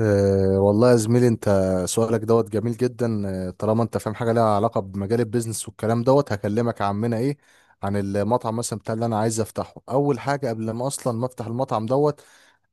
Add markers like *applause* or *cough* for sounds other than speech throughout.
أه والله يا زميلي، انت سؤالك دوت جميل جدا. طالما انت فاهم حاجه ليها علاقه بمجال البيزنس والكلام دوت، هكلمك يا عمنا. ايه عن المطعم مثلا بتاع اللي انا عايز افتحه؟ اول حاجه قبل ما اصلا ما افتح المطعم دوت،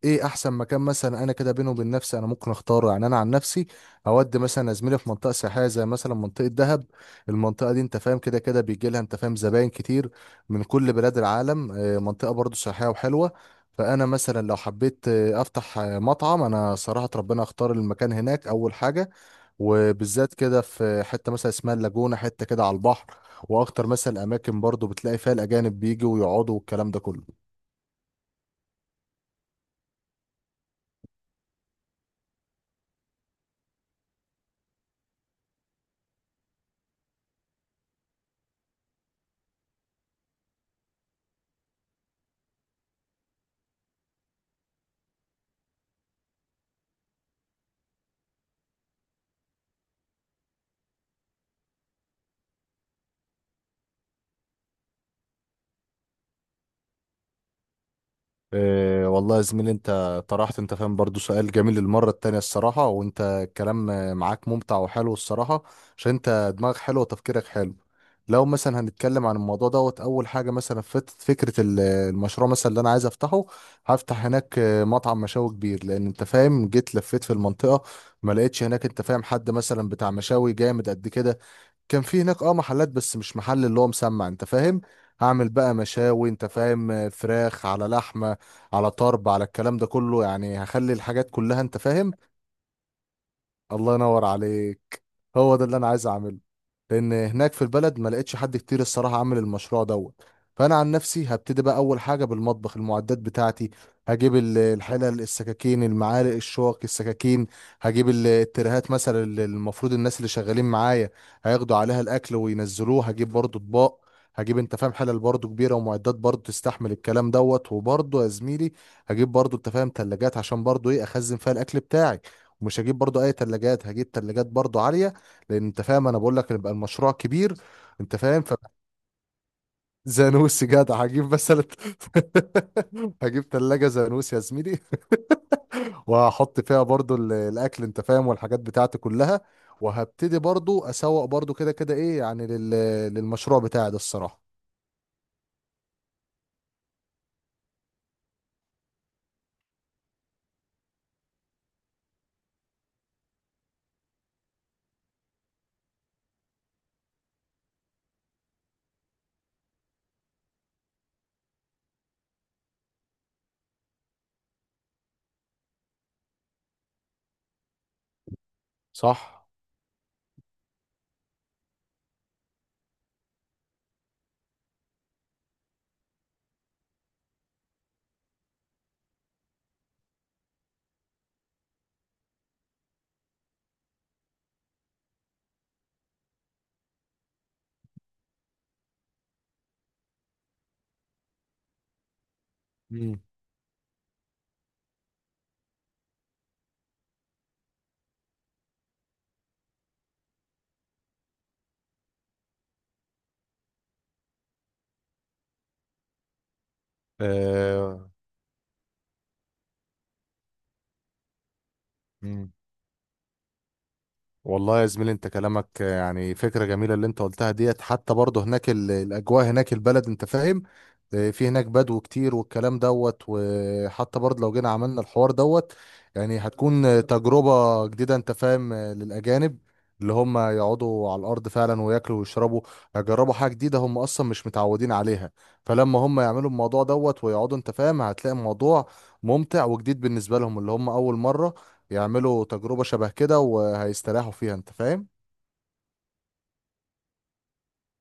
ايه احسن مكان مثلا انا كده بينه وبين نفسي انا ممكن اختاره؟ يعني انا عن نفسي اودي مثلا، زميلي، في منطقه سياحيه، زي مثلا منطقه دهب. المنطقه دي انت فاهم كده كده بيجي لها، انت فاهم، زباين كتير من كل بلاد العالم. منطقه برضو سياحيه وحلوه. فانا مثلا لو حبيت افتح مطعم، انا صراحه ربنا اختار المكان هناك اول حاجه، وبالذات كده في حته مثلا اسمها اللاجونه، حته كده على البحر. واكتر مثلا اماكن برضو بتلاقي فيها الاجانب بيجوا ويقعدوا والكلام ده كله. إيه والله يا زميلي، انت طرحت، انت فاهم، برضو سؤال جميل المرة التانية الصراحة، وانت الكلام معاك ممتع وحلو الصراحة، عشان انت دماغك حلو وتفكيرك حلو. لو مثلا هنتكلم عن الموضوع دوت، اول حاجة مثلا فكرة المشروع مثلا اللي انا عايز افتحه، هفتح هناك مطعم مشاوي كبير، لان انت فاهم جيت لفيت في المنطقة ما لقيتش هناك، انت فاهم، حد مثلا بتاع مشاوي جامد قد كده. كان في هناك اه محلات بس مش محل اللي هو مسمع، انت فاهم. هعمل بقى مشاوي، انت فاهم، فراخ على لحمة على طرب، على الكلام ده كله. يعني هخلي الحاجات كلها، انت فاهم. الله ينور عليك. هو ده اللي انا عايز اعمله، لان هناك في البلد ما لقيتش حد كتير الصراحه عامل المشروع دوت. فانا عن نفسي هبتدي بقى اول حاجه بالمطبخ، المعدات بتاعتي. هجيب الحلل، السكاكين، المعالق، الشوك، السكاكين. هجيب الترهات مثلا اللي المفروض الناس اللي شغالين معايا هياخدوا عليها الاكل وينزلوه. هجيب برضو اطباق. هجيب، انت فاهم، حلل برضو كبيره ومعدات برضو تستحمل الكلام دوت. وبرضو يا زميلي، هجيب برضو، انت فاهم، تلاجات عشان برضو ايه، اخزن فيها الاكل بتاعي. مش هجيب برضو اي تلاجات، هجيب تلاجات برضو عالية، لان انت فاهم انا بقول لك يبقى المشروع كبير، انت فاهم. ف *laughs* زانوسي جدع، هجيب مثلا *laughs* هجيب تلاجة زانوسي يا زميلي، وهحط فيها برضو الاكل، انت فاهم، والحاجات بتاعتي كلها. وهبتدي برضو اسوق برضو كده كده ايه، يعني للمشروع بتاعي ده الصراحة. صح. امم. آه. والله يا زميلي، انت كلامك يعني فكرة جميلة اللي انت قلتها ديت، حتى برضه هناك الأجواء هناك، البلد انت فاهم، اه، في هناك بدو كتير والكلام دوت. وحتى برضه لو جينا عملنا الحوار دوت، يعني هتكون تجربة جديدة، انت فاهم، للأجانب، اللي هم يقعدوا على الأرض فعلا وياكلوا ويشربوا. هيجربوا حاجة جديدة هم أصلا مش متعودين عليها. فلما هم يعملوا الموضوع دوت ويقعدوا، انت فاهم، هتلاقي الموضوع ممتع وجديد بالنسبة لهم، اللي هم أول مرة يعملوا تجربة شبه كده وهيستريحوا فيها، انت فاهم.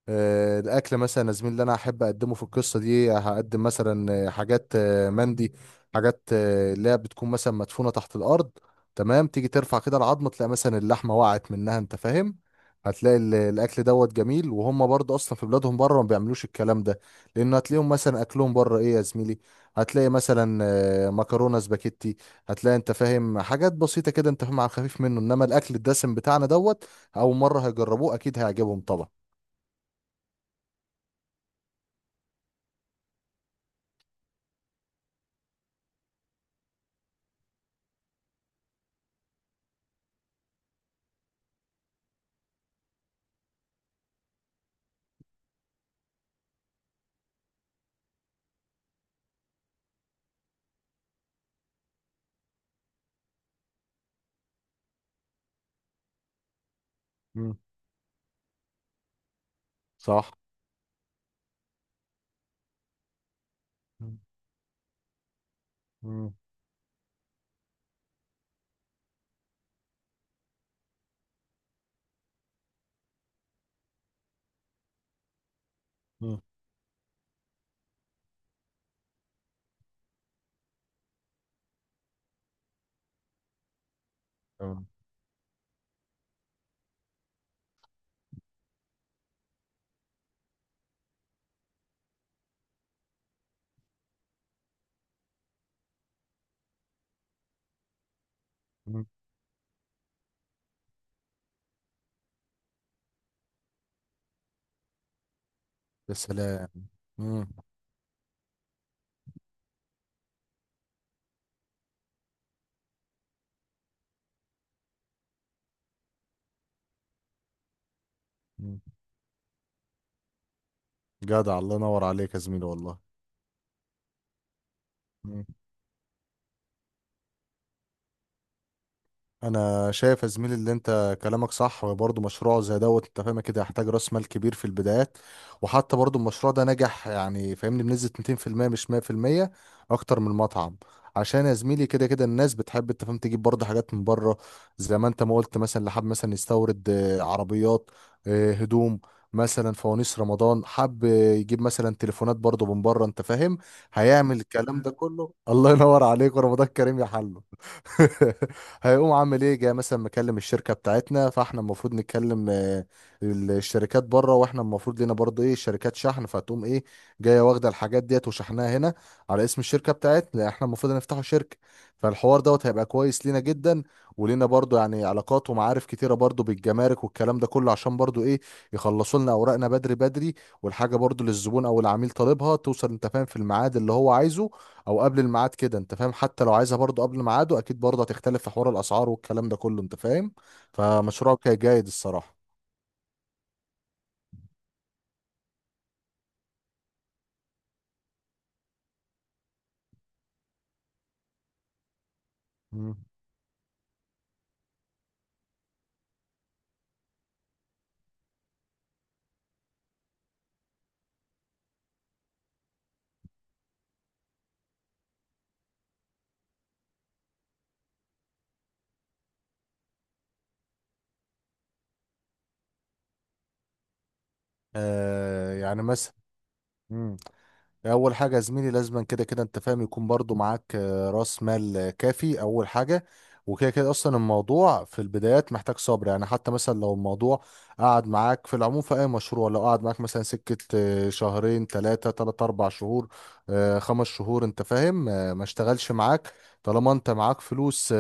الاكل مثلا يا زميلي اللي انا احب اقدمه في القصه دي، هقدم مثلا حاجات مندي، حاجات اللي هي بتكون مثلا مدفونه تحت الارض. تمام، تيجي ترفع كده العظمه، تلاقي مثلا اللحمه وقعت منها، انت فاهم. هتلاقي الاكل دوت جميل، وهم برضه اصلا في بلادهم بره ما بيعملوش الكلام ده، لان هتلاقيهم مثلا اكلهم بره ايه، يا زميلي، هتلاقي مثلا مكرونه سباكيتي. هتلاقي، انت فاهم، حاجات بسيطه كده، انت فاهم، على الخفيف منه، انما الاكل الدسم بتاعنا دوت اول مره هيجربوه، اكيد هيعجبهم طبعا. صح. مم. مم. مم. تمام. مم. يا سلام. مم. مم. جدع، الله ينور عليك يا زميلي والله. مم. انا شايف يا زميلي اللي انت كلامك صح، وبرضه مشروع زي دوت انت فاهم كده يحتاج راس مال كبير في البدايات. وحتى برضه المشروع ده نجح، يعني فاهمني، بنسبة 200% مش 100%، اكتر من المطعم. عشان يا زميلي كده كده الناس بتحب، انت فاهم، تجيب برضه حاجات من بره، زي ما انت ما قلت مثلا اللي حب مثلا يستورد عربيات، هدوم، مثلا فوانيس رمضان، حب يجيب مثلا تليفونات برضه من بره، انت فاهم. هيعمل الكلام ده *laughs* كله. الله ينور عليك، ورمضان كريم يا حلو. *laughs* هيقوم عامل ايه، جاي مثلا مكلم الشركه بتاعتنا، فاحنا المفروض نتكلم الشركات بره، واحنا المفروض لينا برضه ايه، شركات شحن. فتقوم ايه، جايه واخده الحاجات ديت وشحناها هنا على اسم الشركه بتاعتنا، لأن احنا المفروض نفتحوا شركه. فالحوار دوت هيبقى كويس لينا جدا، ولينا برضه يعني علاقات ومعارف كتيره برضه بالجمارك والكلام ده كله، عشان برضه ايه، يخلصوا لنا اوراقنا بدري بدري. والحاجه برضه للزبون او العميل طالبها توصل، انت فاهم، في الميعاد اللي هو عايزه او قبل الميعاد كده، انت فاهم. حتى لو عايزها برضو قبل ميعاده، اكيد برضو هتختلف في حوار الاسعار والكلام ده كله، انت فاهم. فمشروعك جيد الصراحه. مم. آه يعني مثلا، اول حاجه يا زميلي لازما كده كده، انت فاهم، يكون برضو معاك راس مال كافي، اول حاجه. وكده كده اصلا الموضوع في البدايات محتاج صبر، يعني حتى مثلا لو الموضوع قعد معاك في العموم في اي مشروع، لو قعد معاك مثلا سكه شهرين، ثلاثه ثلاث اربع شهور، خمس شهور، انت فاهم، ما اشتغلش معاك، طالما انت معاك فلوس،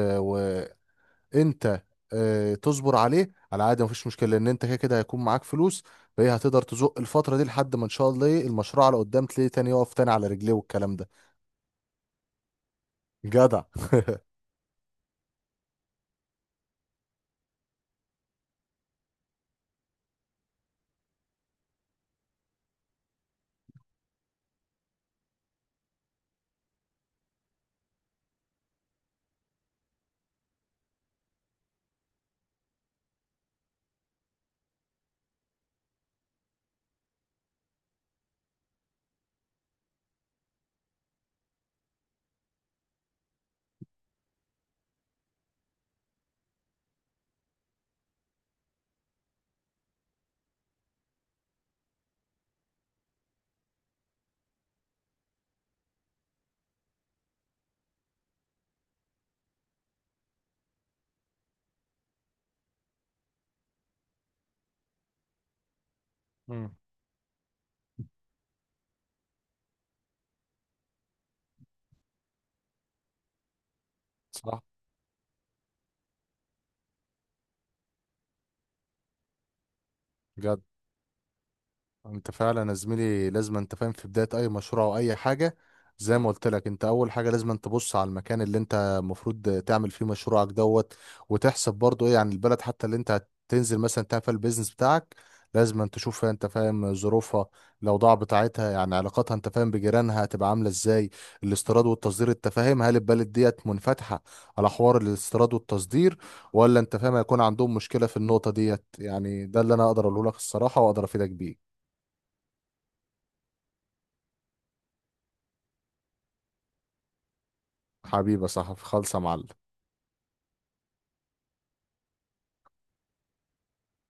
انت تصبر عليه على عادي، مفيش مشكله، لان انت كده كده هيكون معاك فلوس. فهي هتقدر تزق الفتره دي لحد ما ان شاء الله ايه، المشروع على قدام تلاقيه تاني يقف تاني على رجليه والكلام ده. جدع. مم. صح. جدع. انت فعلا يا زميلي لازم، انت فاهم، في بداية اي مشروع او اي حاجة، زي ما قلت لك انت، اول حاجة لازم انت تبص على المكان اللي انت المفروض تعمل فيه مشروعك دوت، وتحسب برضو ايه عن البلد حتى اللي انت هتنزل مثلا تعمل فيها البيزنس بتاعك. لازم انت تشوف فيها، انت فاهم، ظروفها، الاوضاع بتاعتها، يعني علاقاتها، انت فاهم، بجيرانها هتبقى عامله ازاي، الاستيراد والتصدير، انت فاهم، هل البلد ديت منفتحه على حوار الاستيراد والتصدير، ولا انت فاهم هيكون عندهم مشكله في النقطه ديت. يعني ده اللي انا اقدر اقوله لك الصراحه، واقدر افيدك بيه. حبيبة صاحبي خالصة يا معلم.